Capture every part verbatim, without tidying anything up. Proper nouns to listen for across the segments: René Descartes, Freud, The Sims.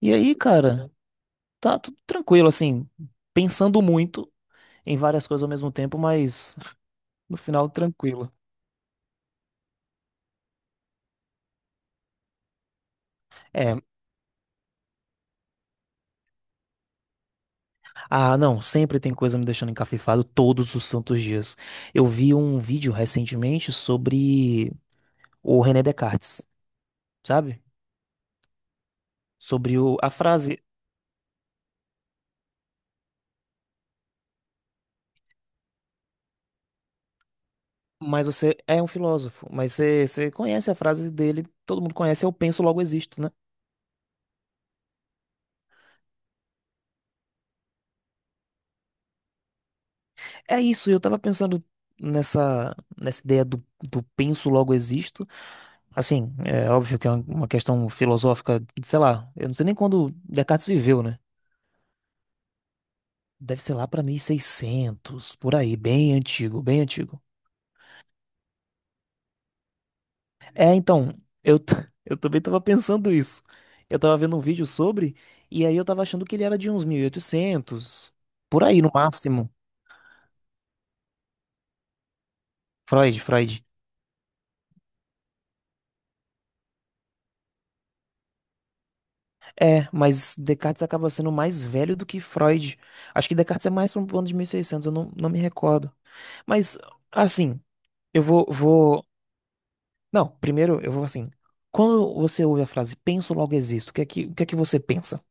E aí, cara, tá tudo tranquilo, assim, pensando muito em várias coisas ao mesmo tempo, mas no final tranquilo. É, ah, não, sempre tem coisa me deixando encafifado todos os santos dias. Eu vi um vídeo recentemente sobre o René Descartes, sabe? Sobre o, a frase, mas você é um filósofo, mas você, você conhece a frase dele, todo mundo conhece, eu penso, logo existo, né? É isso, eu tava pensando nessa, nessa ideia do, do penso, logo existo. Assim, é óbvio que é uma questão filosófica, sei lá, eu não sei nem quando Descartes viveu, né? Deve ser lá pra mil e seiscentos por aí, bem antigo, bem antigo. É, então, eu, t- eu também tava pensando isso. Eu tava vendo um vídeo sobre, e aí eu tava achando que ele era de uns mil e oitocentos por aí no máximo. Freud, Freud. É, mas Descartes acaba sendo mais velho do que Freud. Acho que Descartes é mais para um ano de mil e seiscentos, eu não, não me recordo. Mas, assim, eu vou, vou Não, primeiro eu vou assim. Quando você ouve a frase penso logo existo, o que é que, o que é que você pensa?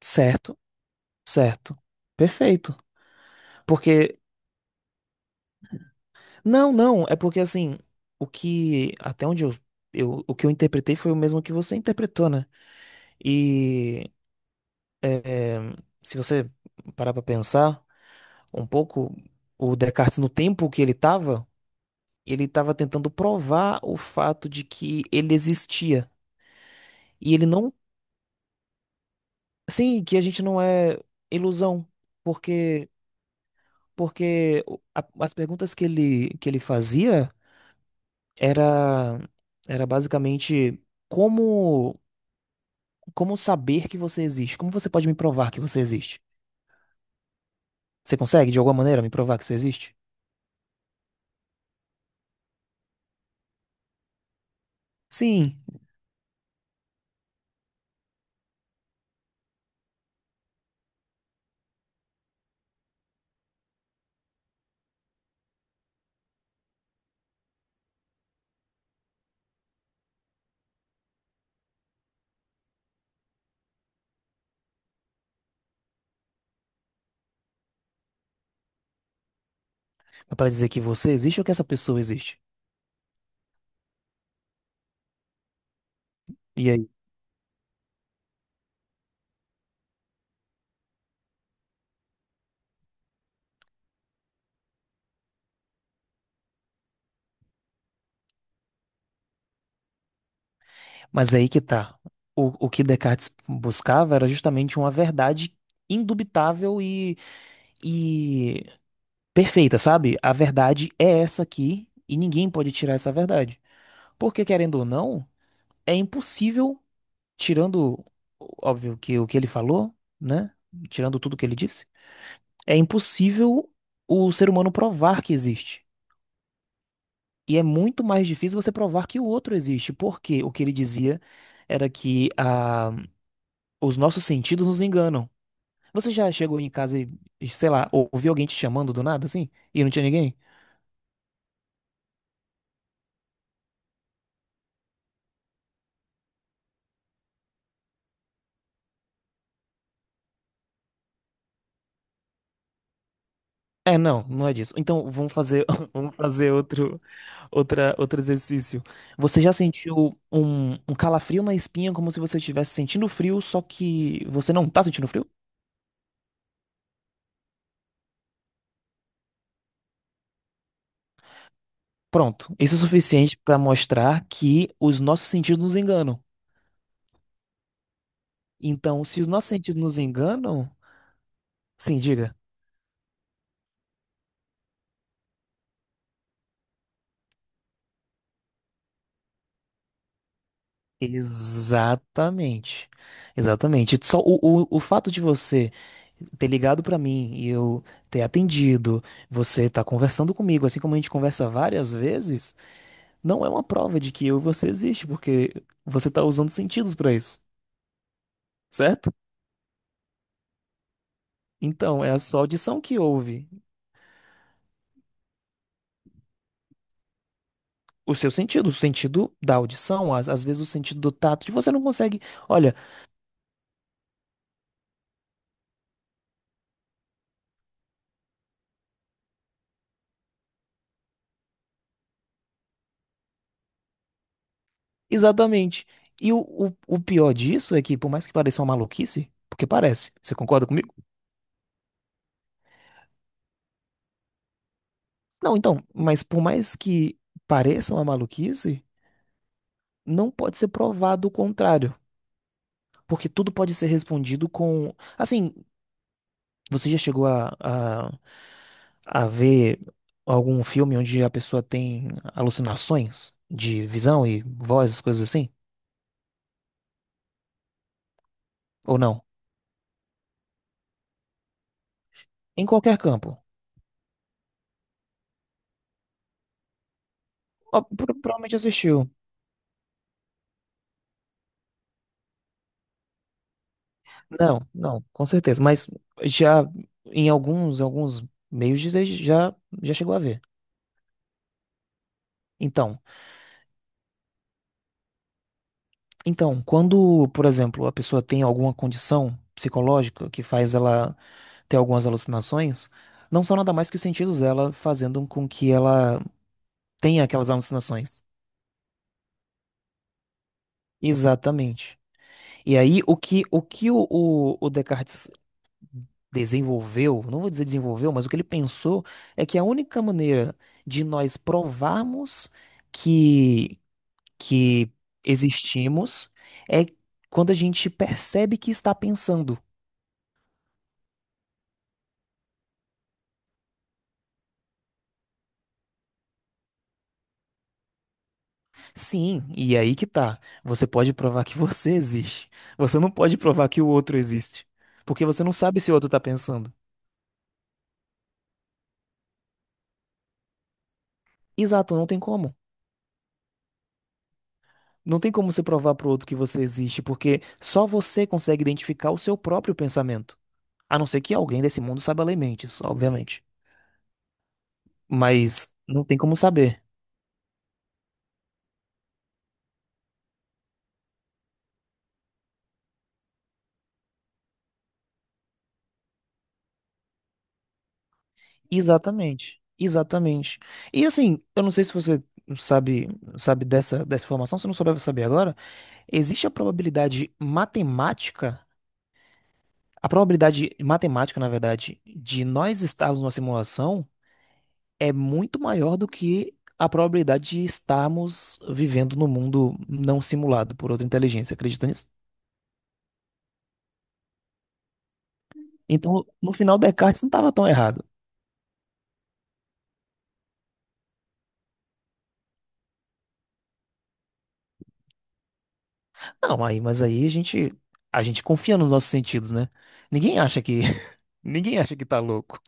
Certo, certo, perfeito. Porque, não, não, é porque assim, o que, até onde eu, eu, o que eu interpretei foi o mesmo que você interpretou, né? E se você parar pra pensar um pouco, o Descartes no tempo que ele tava, ele tava tentando provar o fato de que ele existia. E ele não, sim, que a gente não é ilusão, porque porque o- a- as perguntas que ele, que ele fazia era, era basicamente como, como saber que você existe? Como você pode me provar que você existe? Você consegue, de alguma maneira, me provar que você existe? Sim, mas para dizer que você existe ou que essa pessoa existe? E aí? Mas é aí que tá. O, o que Descartes buscava era justamente uma verdade indubitável e, e perfeita, sabe? A verdade é essa aqui e ninguém pode tirar essa verdade. Porque, querendo ou não, é impossível, tirando, óbvio, que o que ele falou, né? Tirando tudo que ele disse, é impossível o ser humano provar que existe. E é muito mais difícil você provar que o outro existe, porque o que ele dizia era que ah, os nossos sentidos nos enganam. Você já chegou em casa e, e, sei lá, ou- ouviu alguém te chamando do nada, assim, e não tinha ninguém? É, não, não é disso. Então, vamos fazer, vamos fazer outro. Outra, outro exercício. Você já sentiu um, um calafrio na espinha como se você estivesse sentindo frio, só que você não tá sentindo frio? Pronto. Isso é suficiente para mostrar que os nossos sentidos nos enganam. Então, se os nossos sentidos nos enganam, sim, diga. Exatamente. Exatamente. Só o, o, o fato de você ter ligado pra mim e eu ter atendido, você tá conversando comigo, assim como a gente conversa várias vezes. Não é uma prova de que eu e você existe, porque você está usando sentidos para isso, certo? Então, é a sua audição que ouve o seu sentido, o sentido da audição, às, às vezes o sentido do tato, que você não consegue. Olha, exatamente. E o, o, o pior disso é que, por mais que pareça uma maluquice, porque parece, você concorda comigo? Não, então, mas por mais que pareça uma maluquice, não pode ser provado o contrário. Porque tudo pode ser respondido com. Assim, você já chegou a, a, a ver algum filme onde a pessoa tem alucinações de visão e voz, essas coisas assim? Ou não? Em qualquer campo. Ó, pro- provavelmente assistiu. Não, não, com certeza. Mas já em alguns, alguns meios de- já, já chegou a ver. Então, então, quando, por exemplo, a pessoa tem alguma condição psicológica que faz ela ter algumas alucinações, não são nada mais que os sentidos dela fazendo com que ela tem aquelas alucinações. Exatamente. E aí, o que o, que o, o, o Descartes desenvolveu, não vou dizer desenvolveu, mas o que ele pensou é que a única maneira de nós provarmos que, que existimos é quando a gente percebe que está pensando. Sim, e aí que tá. Você pode provar que você existe. Você não pode provar que o outro existe. Porque você não sabe se o outro está pensando. Exato, não tem como. Não tem como você provar pro outro que você existe, porque só você consegue identificar o seu próprio pensamento. A não ser que alguém desse mundo saiba ler mentes, obviamente. Mas não tem como saber. Exatamente. Exatamente. E assim, eu não sei se você sabe, sabe dessa, dessa informação, se não souber, vai saber agora. Existe a probabilidade matemática, a probabilidade matemática, na verdade, de nós estarmos numa simulação é muito maior do que a probabilidade de estarmos vivendo num mundo não simulado por outra inteligência, acredita nisso? Então, no final, Descartes não estava tão errado. Não, aí, mas aí a gente, a gente confia nos nossos sentidos, né? Ninguém acha que, ninguém acha que tá louco.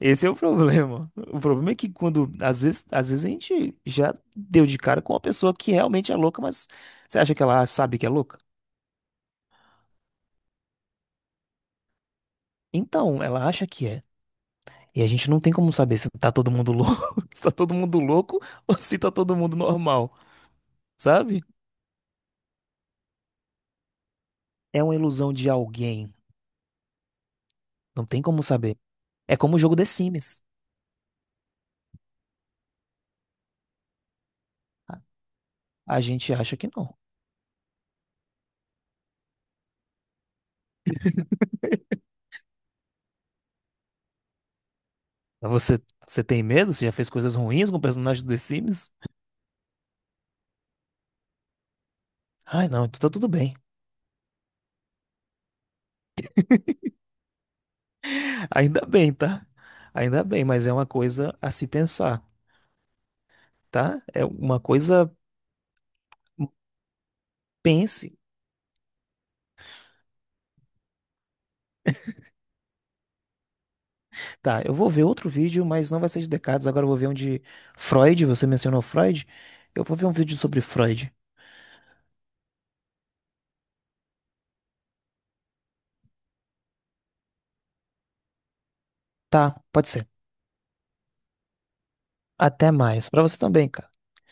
Esse é o problema. O problema é que quando, às vezes, às vezes a gente já deu de cara com uma pessoa que realmente é louca, mas você acha que ela sabe que é louca? Então, ela acha que é. E a gente não tem como saber se tá todo mundo louco, se tá todo mundo louco ou se tá todo mundo normal, sabe? É uma ilusão de alguém. Não tem como saber. É como o jogo The Sims. A gente acha que não. Mas você, você tem medo? Você já fez coisas ruins com o personagem do The Sims? Ai, não, então tá tudo bem. Ainda bem, tá? Ainda bem, mas é uma coisa a se pensar, tá? É uma coisa. Pense. Tá, eu vou ver outro vídeo, mas não vai ser de Descartes. Agora eu vou ver um de Freud. Você mencionou Freud? Eu vou ver um vídeo sobre Freud. Tá, pode ser. Até mais. Pra você também, cara.